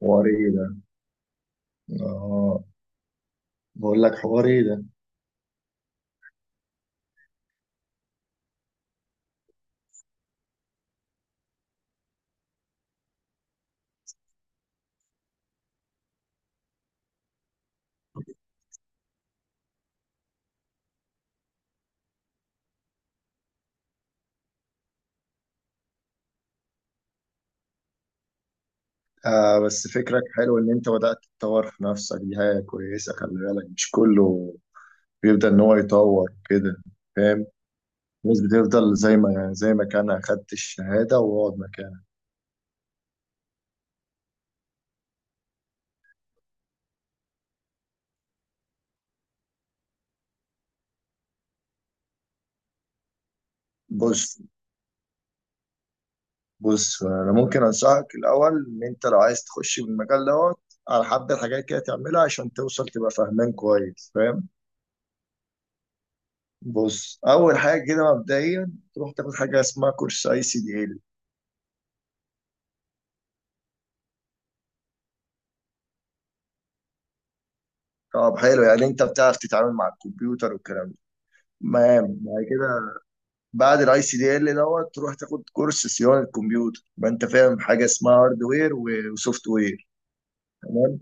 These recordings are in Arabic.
حواري ايه ده؟ اه، بقول لك حواري ايه ده. آه بس فكرك حلو ان انت بدأت تطور في نفسك، دي حاجة كويسة. خلي بالك مش كله بيبدأ ان هو يطور كده، فاهم. الناس بتفضل زي ما كان اخدت الشهادة واقعد مكانك. بص بص، انا ممكن انصحك الاول، ان انت لو عايز تخش بالمجال دوت، على حبة حاجات كده تعملها عشان توصل تبقى فاهمان كويس، فاهم. بص، اول حاجة كده مبدئيا تروح تاخد حاجة اسمها كورس ICDL. طب حلو. يعني انت بتعرف تتعامل مع الكمبيوتر والكلام ده. تمام. بعد كده، بعد الـ ICDL ال دوت تروح تاخد كورس صيانه كمبيوتر، يبقى انت فاهم حاجه اسمها هاردوير وسوفت وير. تمام.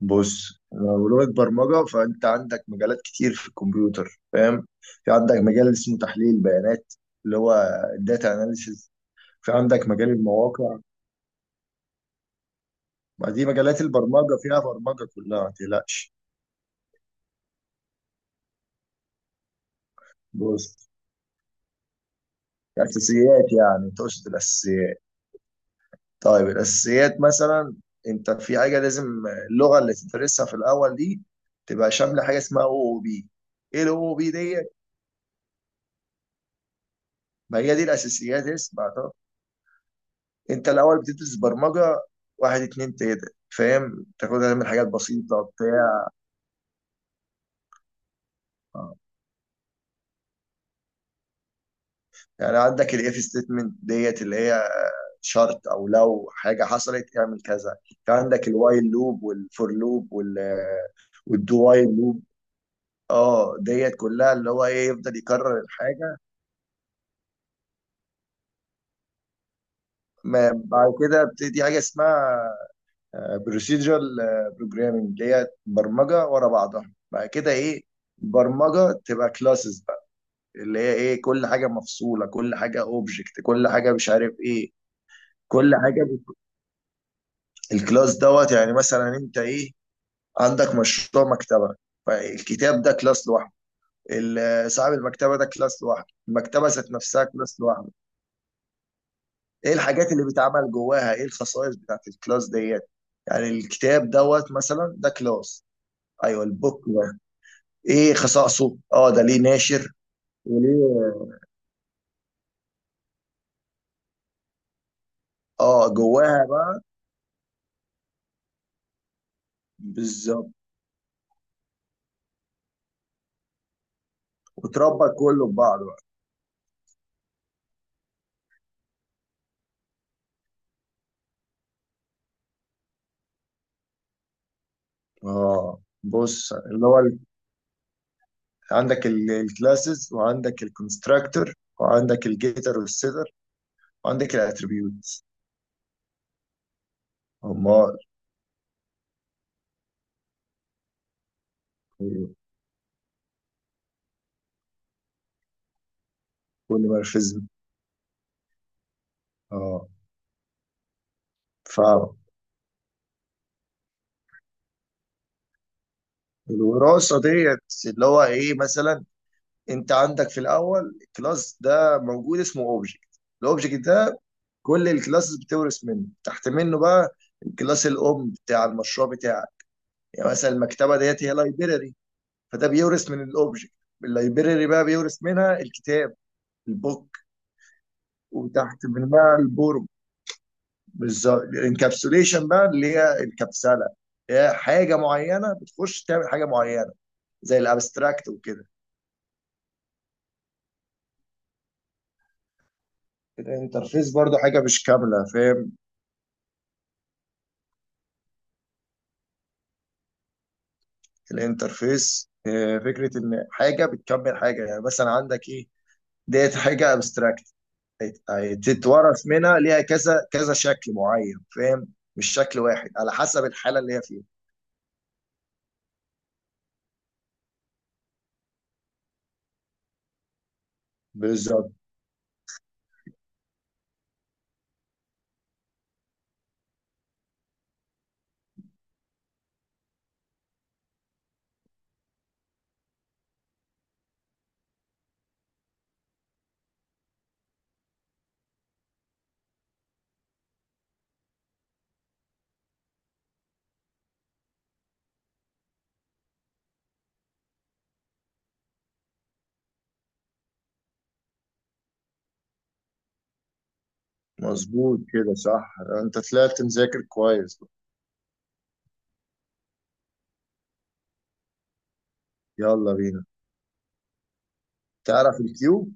بص لو لغه برمجه، فانت عندك مجالات كتير في الكمبيوتر، فاهم. في عندك مجال اسمه تحليل بيانات، اللي هو الداتا اناليسيز. في عندك مجال المواقع. ما دي مجالات البرمجه، فيها برمجه كلها، ما تقلقش. بص، الاساسيات. يعني تقصد الاساسيات؟ طيب الأساسيات مثلا، أنت في حاجة لازم، اللغة اللي تدرسها في الأول دي تبقى شاملة حاجة اسمها OOP. إيه الـ OOP دي؟ ما هي دي الأساسيات. اسمع طب، أنت الأول بتدرس برمجة واحد اتنين تلاتة، فاهم، تاخدها من حاجات بسيطة بتاع. آه. يعني عندك الإف ستيتمنت ديت، اللي هي شرط أو لو حاجة حصلت اعمل كذا. في عندك الوايل لوب والفور لوب وال والدو وايل لوب. اه، ديت كلها اللي هو ايه، يفضل يكرر الحاجة. ما بعد كده بتدي حاجه اسمها بروسيدرال بروجرامنج، اللي هي برمجه ورا بعضها. بعد كده ايه، برمجه تبقى كلاسز بقى، اللي هي ايه، كل حاجه مفصوله، كل حاجه اوبجكت، كل حاجه مش عارف ايه. كل حاجه بت- الكلاس دوت، يعني مثلا انت ايه، عندك مشروع مكتبه، فالكتاب ده كلاس لوحده، صاحب المكتبه ده كلاس لوحده، المكتبه ذات نفسها كلاس لوحده. ايه الحاجات اللي بيتعمل جواها، ايه الخصائص بتاعت الكلاس ديت، يعني الكتاب دوت مثلا ده كلاس. ايوه البوك ده ايه خصائصه، اه ده ليه ناشر وليه. اه، جواها بقى. بالظبط. وتربط كله في بعضه بقى. اه بص اللي هو عندك الكلاسز، وعندك الكونستراكتور، وعندك الجيتر والسيتر، وعندك الاتريبيوتس. امال. كل مورفيزم. اه، فاهم. الوراثه ديت، اللي هو ايه مثلا، انت عندك في الاول كلاس ده موجود اسمه اوبجكت. الاوبجكت ده كل الكلاسز بتورث منه، تحت منه بقى. الكلاس الام بتاع المشروع بتاعك، يعني مثلا المكتبه ديت هي لايبراري، فده بيورث من الاوبجكت. اللايبراري بقى بيورث منها الكتاب، البوك. وتحت منها البورم. بالظبط. الانكابسوليشن بقى، اللي هي الكبسله، هي حاجه معينه بتخش تعمل حاجه معينه، زي الابستراكت وكده. الانترفيس برضو حاجه مش كامله، فاهم. الانترفيس آه، فكره ان حاجه بتكمل حاجه. يعني مثلا عندك ايه، ديت حاجه ابستراكت، تتورث منها، ليها كذا كذا شكل معين، فاهم، مش شكل واحد، على حسب الحاله اللي هي فيها. بالظبط. مظبوط كده، صح. انت طلعت مذاكر كويس. يلا بينا. تعرف الكيو.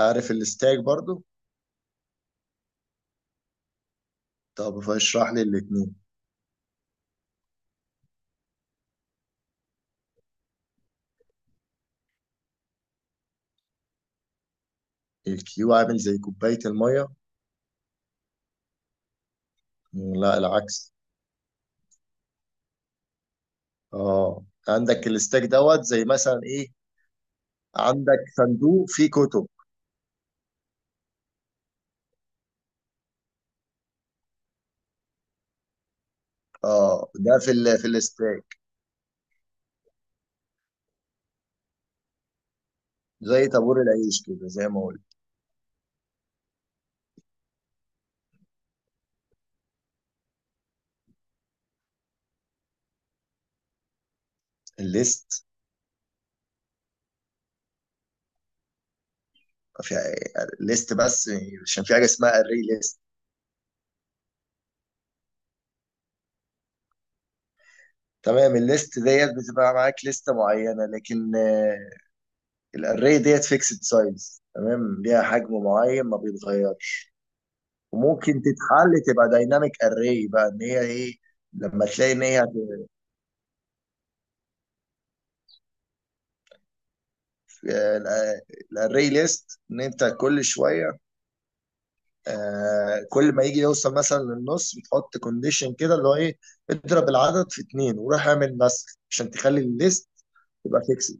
عارف الستاك برضو. طب فاشرح لي الاتنين. الكيو عامل زي كوبايه الميه. لا العكس. اه عندك الستاك دوت، زي مثلا ايه، عندك صندوق فيه كتب. اه ده في في الاستاك. زي طابور العيش كده، زي ما قلت. الليست، في ليست بس، عشان في حاجه اسمها الري ليست. تمام. الليست ديت بتبقى معاك لسته معينه، لكن آه، الاري ديت فيكسد سايز، تمام، ليها حجم معين ما بيتغيرش. وممكن تتحل تبقى دايناميك اري بقى، ان هي ايه، لما تلاقي ان هي. الاري ليست ان انت كل شويه، آه، كل ما يجي يوصل مثلا للنص بتحط كونديشن كده اللي هو ايه، اضرب العدد في اتنين وروح اعمل مسح عشان تخلي الليست تبقى فيكسد.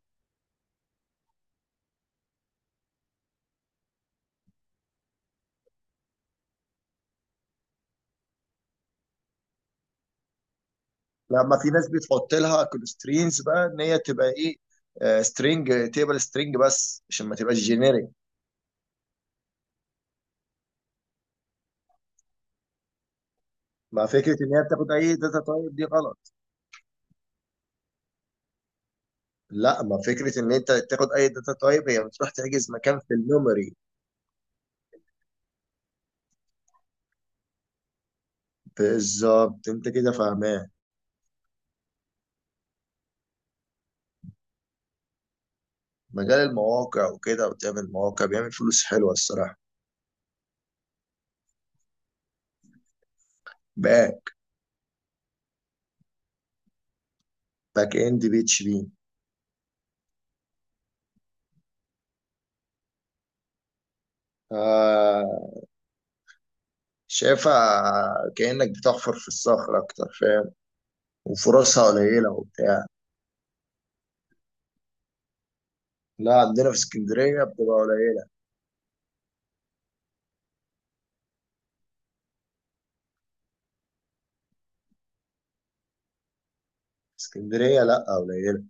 لما في ناس بتحط لها كونسترينز بقى، ان هي تبقى ايه، سترينج تيبل سترينج بس عشان ما تبقاش جينيريك. ما فكره ان هي بتاخد اي داتا تايب دي غلط. لا، ما فكره ان انت تاخد اي داتا تايب، هي بتروح تحجز مكان في الميموري. بالظبط. انت كده فاهمان. مجال المواقع وكده، وتعمل مواقع، بيعمل فلوس حلوه الصراحه. بقى باك اند PHP. آه، شايفها كأنك بتحفر في الصخر أكتر، فاهم، وفرصها قليلة وبتاع. لا عندنا في اسكندرية بتبقى قليلة. اسكندرية لا قليلة.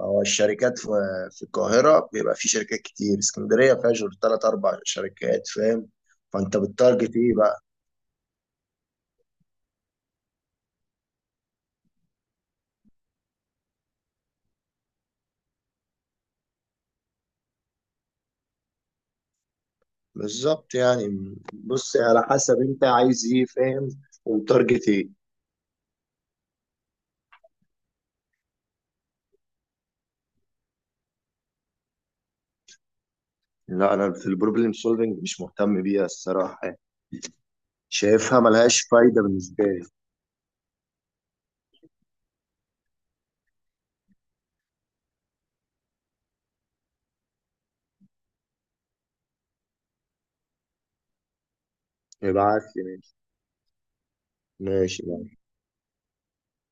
هو الشركات في القاهرة بيبقى في شركات كتير، اسكندرية فيها غير تلات أربع شركات، فاهم. فأنت بتتارجت إيه بقى؟ بالظبط. يعني بص، على حسب أنت عايز إيه، فاهم، وتارجت إيه. لا أنا في البروبلم سولفنج مش مهتم بيها الصراحة، شايفها ملهاش فايدة بالنسبة لي. ابعت لي. ماشي ماشي.